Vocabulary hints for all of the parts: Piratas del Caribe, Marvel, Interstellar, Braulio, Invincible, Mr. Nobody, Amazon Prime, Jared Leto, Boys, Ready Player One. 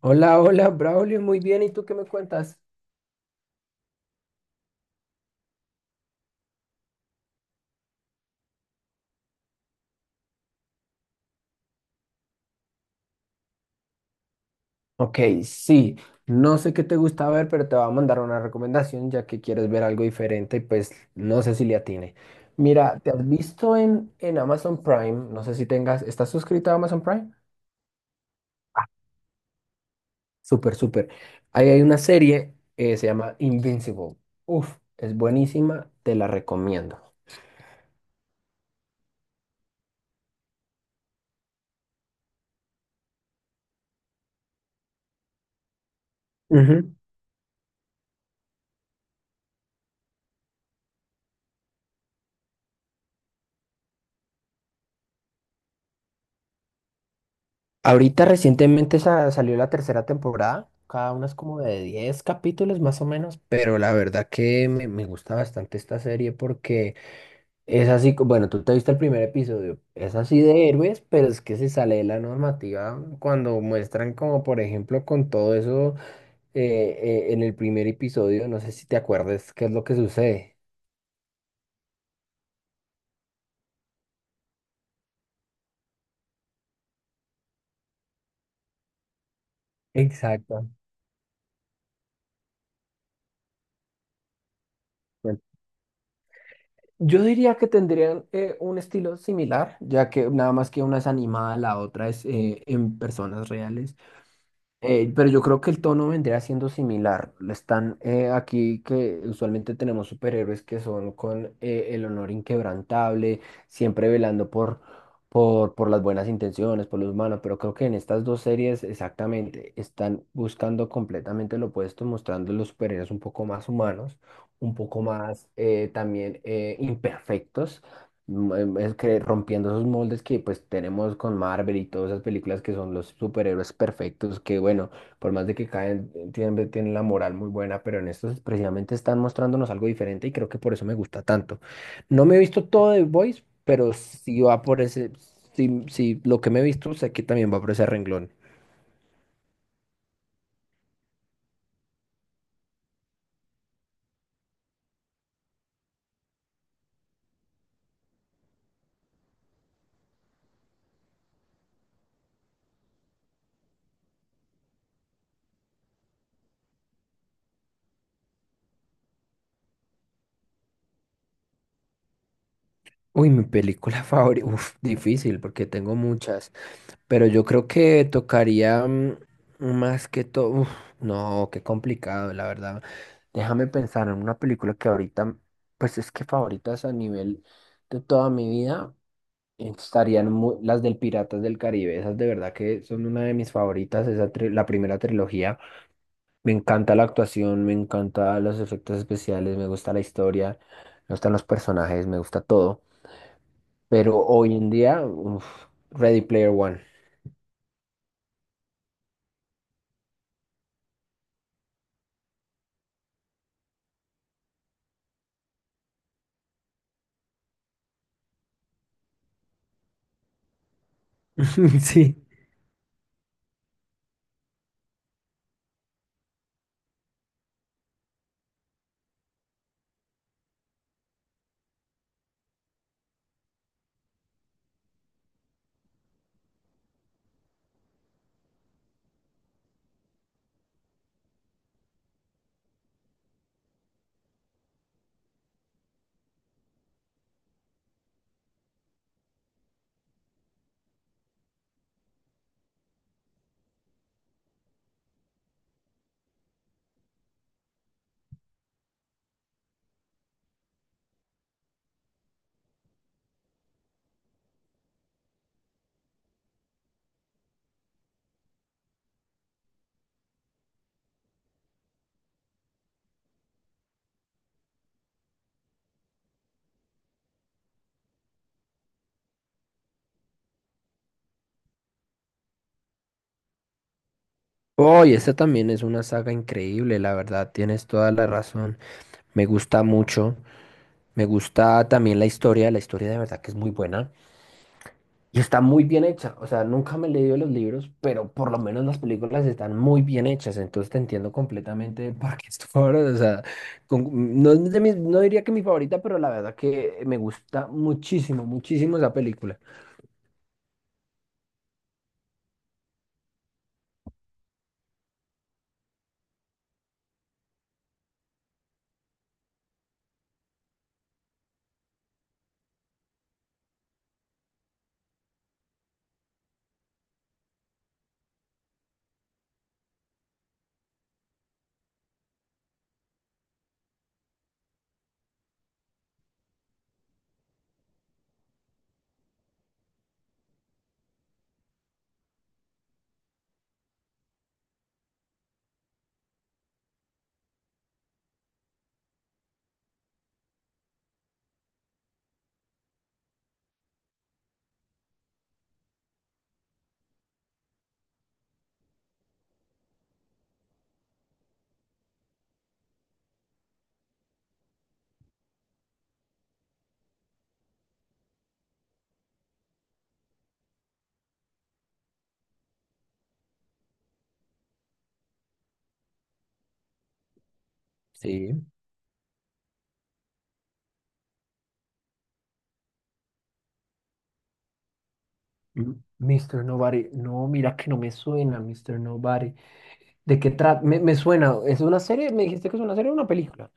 Hola, hola, Braulio, muy bien. ¿Y tú qué me cuentas? Ok, sí, no sé qué te gusta ver, pero te voy a mandar una recomendación ya que quieres ver algo diferente y pues no sé si le atine. Mira, ¿te has visto en Amazon Prime? No sé si tengas, ¿estás suscrito a Amazon Prime? Súper, súper. Ahí hay una serie, se llama Invincible. Uf, es buenísima, te la recomiendo. Ujú. Ahorita recientemente salió la tercera temporada, cada una es como de 10 capítulos más o menos, pero la verdad que me gusta bastante esta serie porque es así, bueno, tú te viste el primer episodio, es así de héroes, pero es que se sale de la normativa cuando muestran como por ejemplo con todo eso en el primer episodio, no sé si te acuerdas qué es lo que sucede. Exacto. Yo diría que tendrían un estilo similar, ya que nada más que una es animada, la otra es en personas reales. Pero yo creo que el tono vendría siendo similar. Están aquí que usualmente tenemos superhéroes que son con el honor inquebrantable, siempre velando por las buenas intenciones, por los humanos, pero creo que en estas dos series exactamente están buscando completamente lo opuesto, mostrando los superhéroes un poco más humanos, un poco más también imperfectos. Es que rompiendo esos moldes que pues tenemos con Marvel y todas esas películas que son los superhéroes perfectos, que bueno, por más de que caen, tienen la moral muy buena, pero en estos precisamente están mostrándonos algo diferente y creo que por eso me gusta tanto. No me he visto todo de Boys, pero si va por ese, si lo que me he visto sé que también va por ese renglón. Uy, mi película favorita, uf, difícil porque tengo muchas. Pero yo creo que tocaría más que todo. Uf, no, qué complicado, la verdad. Déjame pensar en una película que ahorita, pues es que favoritas a nivel de toda mi vida estarían las del Piratas del Caribe. Esas de verdad que son una de mis favoritas. Esa la primera trilogía. Me encanta la actuación, me encanta los efectos especiales, me gusta la historia, me gustan los personajes, me gusta todo. Pero hoy en día, uf, Ready Player One. Sí. Oh, y esta también es una saga increíble, la verdad, tienes toda la razón. Me gusta mucho. Me gusta también la historia de verdad que es muy buena y está muy bien hecha. O sea, nunca me he leído los libros, pero por lo menos las películas están muy bien hechas, entonces te entiendo completamente para qué es tu favorita. O sea, no, es de no diría que mi favorita, pero la verdad que me gusta muchísimo, muchísimo esa película. Sí. Mm, Mr. Nobody. No, mira que no me suena, Mr. Nobody. ¿De qué trata? Me suena, ¿es una serie? ¿Me dijiste que es una serie o una película?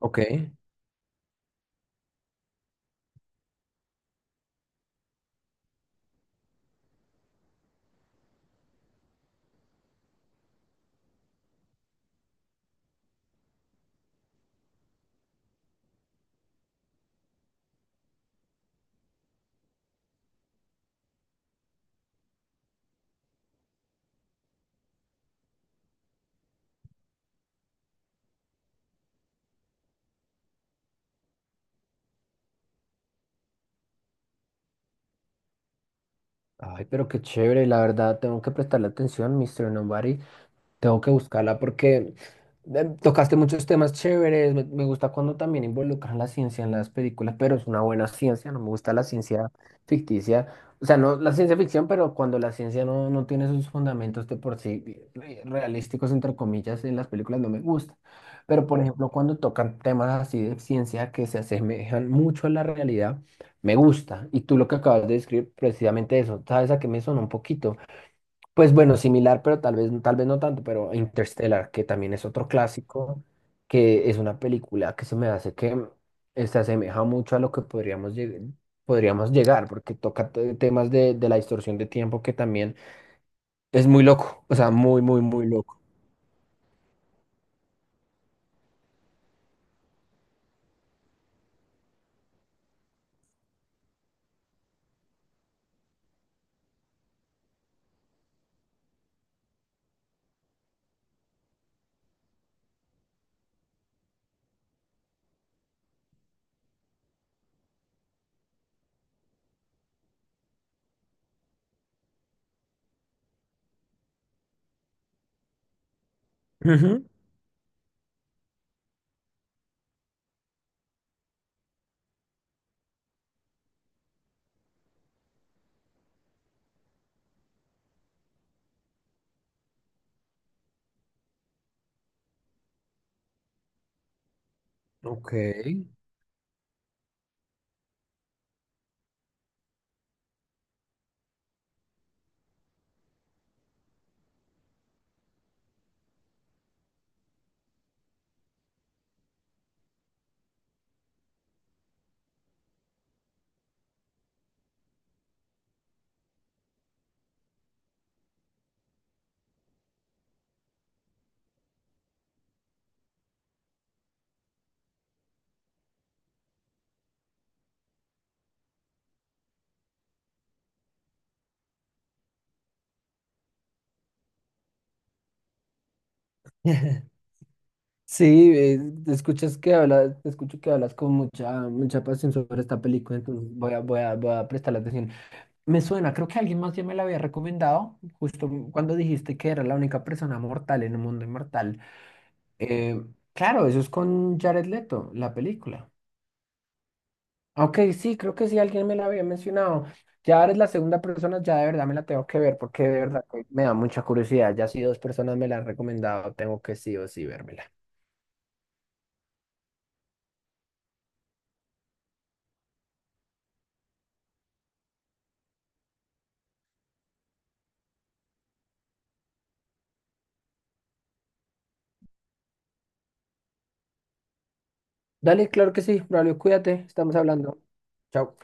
Ok. Ay, pero qué chévere, la verdad, tengo que prestarle atención, Mr. Nobody. Tengo que buscarla porque tocaste muchos temas chéveres. Me gusta cuando también involucran la ciencia en las películas, pero es una buena ciencia. No me gusta la ciencia ficticia. O sea, no la ciencia ficción, pero cuando la ciencia no, no tiene sus fundamentos de por sí realísticos, entre comillas, en las películas no me gusta. Pero, por ejemplo, cuando tocan temas así de ciencia que se asemejan mucho a la realidad, me gusta. Y tú lo que acabas de describir, precisamente eso, ¿sabes a qué me sonó un poquito? Pues bueno, similar, pero tal vez no tanto, pero Interstellar, que también es otro clásico, que es una película que se me hace que se asemeja mucho a lo que podríamos llegar, porque toca temas de la distorsión de tiempo que también es muy loco, o sea, muy, muy, muy loco. Ujú. Ok. Sí, te escucho que hablas con mucha, mucha pasión sobre esta película, entonces voy a prestarle atención. Me suena, creo que alguien más ya me la había recomendado, justo cuando dijiste que era la única persona mortal en un mundo inmortal. Eh, claro, eso es con Jared Leto, la película. Ok, sí, creo que sí, alguien me la había mencionado. Ya eres la segunda persona, ya de verdad me la tengo que ver, porque de verdad que me da mucha curiosidad. Ya si dos personas me la han recomendado, tengo que sí o sí vérmela. Dale, claro que sí, Braulio, cuídate, estamos hablando. Chao.